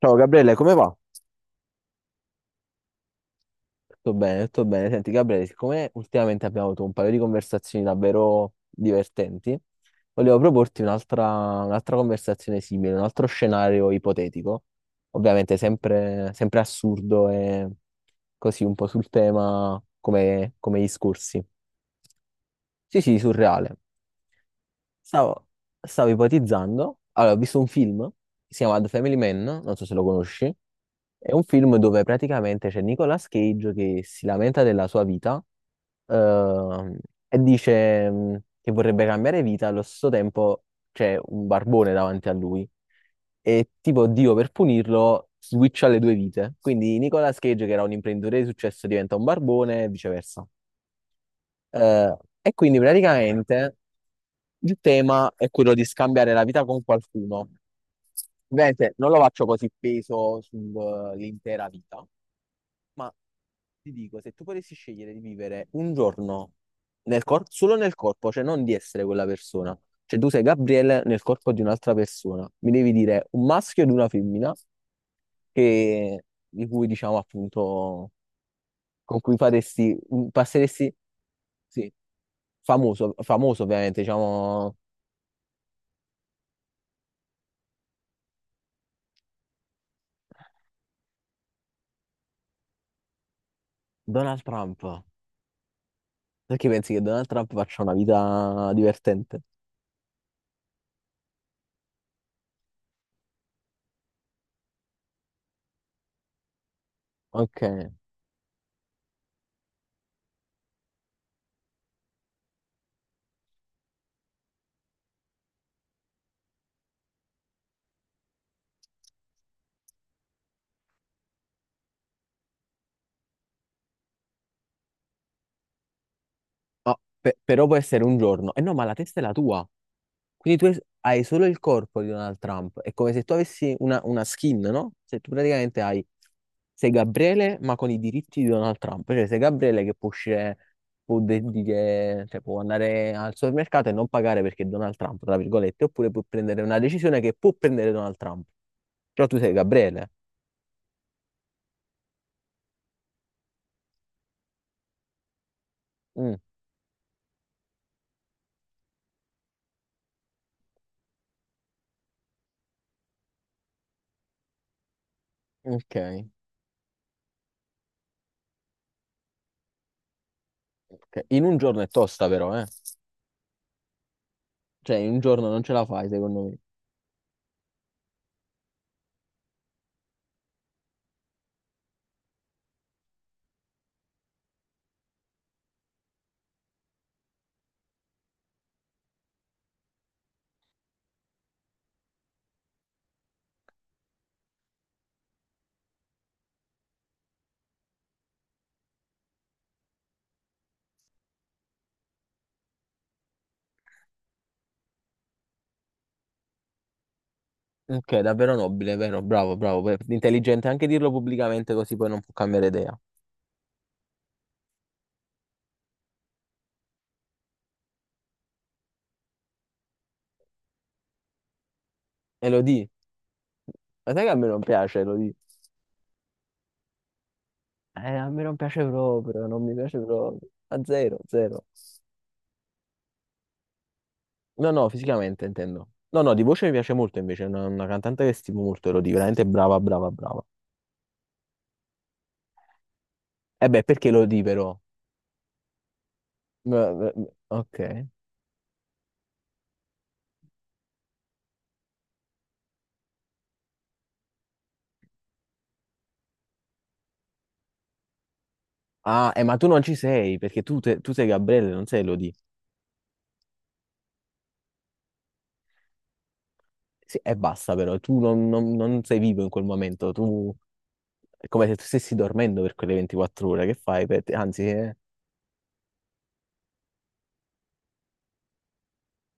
Ciao Gabriele, come va? Tutto bene, tutto bene. Senti Gabriele, siccome ultimamente abbiamo avuto un paio di conversazioni davvero divertenti, volevo proporti un'altra conversazione simile, un altro scenario ipotetico, ovviamente sempre assurdo e così un po' sul tema come gli scorsi. Sì, sì, surreale. Stavo, stavo ipotizzando, allora ho visto un film, si chiama The Family Man, non so se lo conosci, è un film dove praticamente c'è Nicolas Cage che si lamenta della sua vita, ehm, e dice che vorrebbe cambiare vita. Allo stesso tempo c'è un barbone davanti a lui e tipo Dio per punirlo switcha le due vite, quindi Nicolas Cage, che era un imprenditore di successo, diventa un barbone e viceversa. Eh, e quindi praticamente il tema è quello di scambiare la vita con qualcuno. Ovviamente non lo faccio così peso sull'intera vita, ma ti dico, se tu potessi scegliere di vivere un giorno solo nel corpo, cioè non di essere quella persona, cioè tu sei Gabriele nel corpo di un'altra persona, mi devi dire un maschio ed una femmina che- di cui diciamo appunto con cui faresti, passeresti, sì, famoso, famoso ovviamente, diciamo Donald Trump. Perché pensi che Donald Trump faccia una vita divertente? Ok. Ah, però può essere un giorno. E no, ma la testa è la tua. Quindi tu hai solo il corpo di Donald Trump. È come se tu avessi una skin, no? Se tu praticamente hai... Sei Gabriele, ma con i diritti di Donald Trump. Cioè, sei Gabriele che può uscire, può dire, cioè, può andare al supermercato e non pagare perché è Donald Trump, tra virgolette, oppure può prendere una decisione che può prendere Donald Trump. Però tu sei Gabriele. Mm, ok. Ok, in un giorno è tosta però, eh. Cioè, in un giorno non ce la fai, secondo me. Ok, davvero nobile, vero? Bravo, bravo. Intelligente anche dirlo pubblicamente così poi non può cambiare idea. E lo di. Ma sai che a me non piace, lo di. A me non piace proprio, non mi piace proprio. A zero, zero. No, no, fisicamente intendo. No, no, di voce mi piace molto invece, è una cantante che stimo molto, Elodie, veramente brava, brava, brava. E beh, perché Elodie però? Ma- ma- ma- Ok. Ah, ma tu non ci sei, perché tu sei Gabriele, non sei Elodie. Sì, e basta però, tu non sei vivo in quel momento, tu è come se tu stessi dormendo per quelle 24 ore, che fai? Anzi,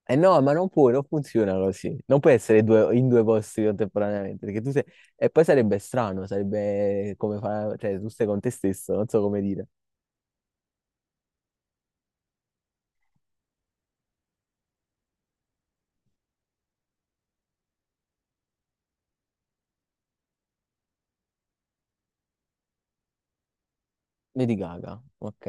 eh no, ma non puoi, non funziona così, non puoi essere in due posti contemporaneamente, perché tu sei... E poi sarebbe strano, sarebbe come fa... cioè tu stai con te stesso, non so come dire. Lady Gaga, ok,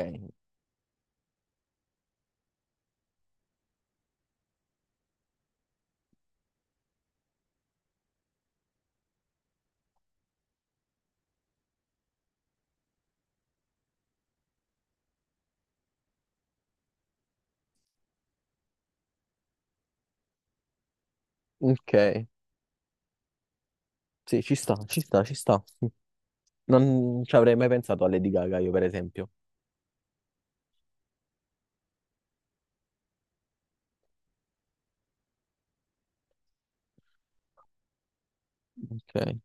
ok, sì, ci sta, ci sta, ci sta. Non ci avrei mai pensato a Lady Gaga io, per esempio. Ok.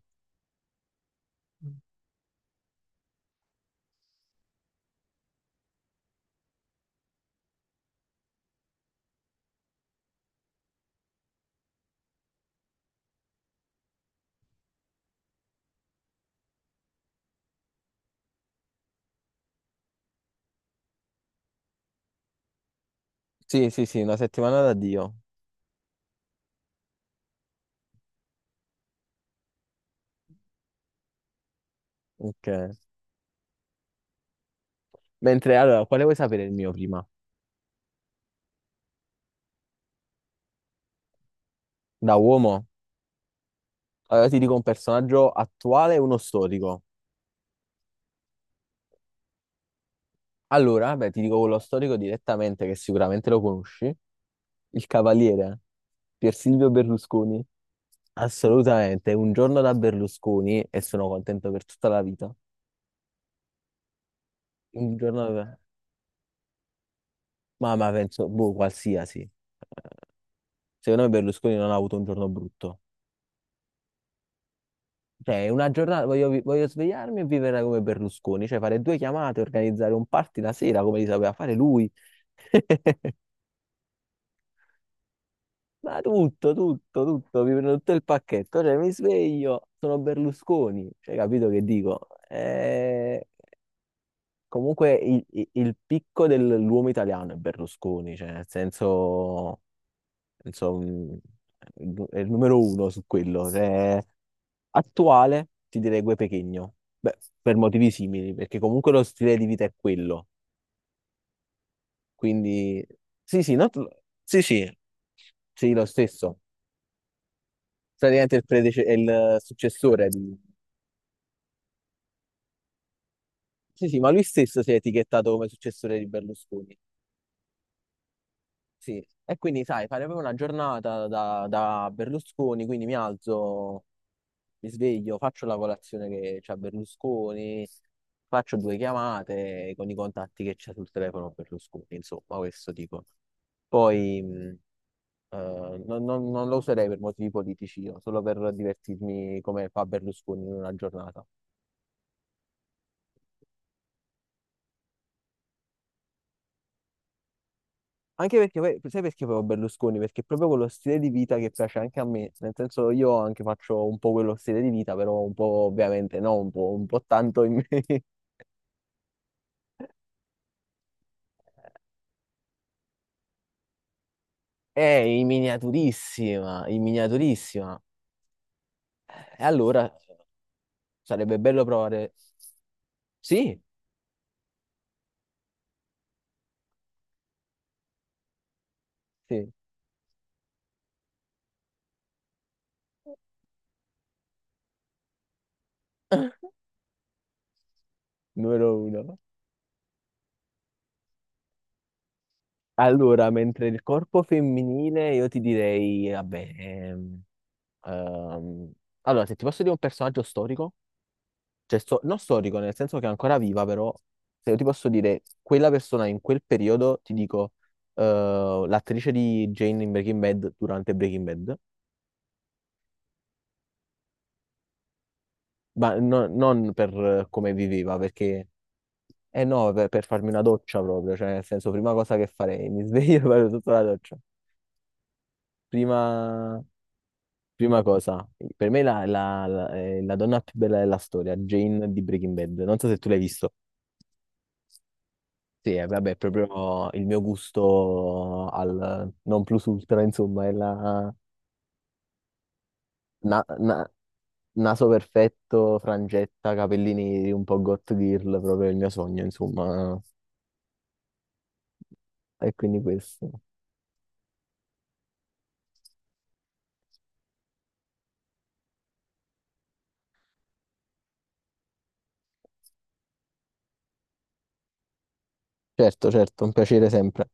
Sì, sì, sì, una settimana da Dio. Ok. Mentre allora, quale vuoi sapere il mio prima? Da uomo? Allora ti dico un personaggio attuale e uno storico. Allora, beh, ti dico quello storico direttamente che sicuramente lo conosci, il cavaliere Pier Silvio Berlusconi. Assolutamente, un giorno da Berlusconi e sono contento per tutta la vita. Un giorno da... ma penso, boh, qualsiasi. Secondo me Berlusconi non ha avuto un giorno brutto. Cioè, una giornata, voglio, voglio svegliarmi e vivere come Berlusconi, cioè fare due chiamate, organizzare un party la sera come li sapeva fare lui. Ma tutto, tutto, tutto, mi prendo tutto il pacchetto, cioè mi sveglio, sono Berlusconi, cioè capito che dico? Comunque il picco dell'uomo italiano è Berlusconi, cioè nel senso, insomma, è il numero uno su quello, cioè, attuale ti direi Gue Pechegno, beh, per motivi simili, perché comunque lo stile di vita è quello, quindi sì, sì, no, sì, sì, sì, lo stesso. Praticamente è il successore di... Sì, sì, ma lui stesso si è etichettato come successore di Berlusconi. Sì, e quindi sai, fare proprio una giornata da Berlusconi, quindi mi alzo, mi sveglio, faccio la colazione che c'ha Berlusconi, faccio due chiamate con i contatti che c'ha sul telefono Berlusconi, insomma, questo dico. Poi non lo userei per motivi politici, io, solo per divertirmi come fa Berlusconi in una giornata. Anche perché poi, sai perché poi ho Berlusconi? Perché è proprio quello stile di vita che piace anche a me, nel senso io anche faccio un po' quello stile di vita, però un po' ovviamente no, un po' tanto in me. In miniaturissima, in miniaturissima. E allora sarebbe bello provare... Sì, sì, numero uno. Allora, mentre il corpo femminile, io ti direi, vabbè, ehm, allora, se ti posso dire un personaggio storico... cioè, non storico, nel senso che è ancora viva, però se io ti posso dire quella persona in quel periodo, ti dico l'attrice di Jane in Breaking Bad durante Breaking Bad, ma non per come viveva, perché eh no, per farmi una doccia proprio, cioè nel senso prima cosa che farei, mi sveglio e vado sotto la doccia. Prima, prima cosa, per me è la donna più bella della storia, Jane di Breaking Bad, non so se tu l'hai visto. Sì, vabbè, è proprio il mio gusto al non plus ultra, insomma, è la na- na- naso perfetto, frangetta, capelli neri, un po' goth girl, proprio il mio sogno, insomma. E quindi questo. Certo, certo, un piacere sempre.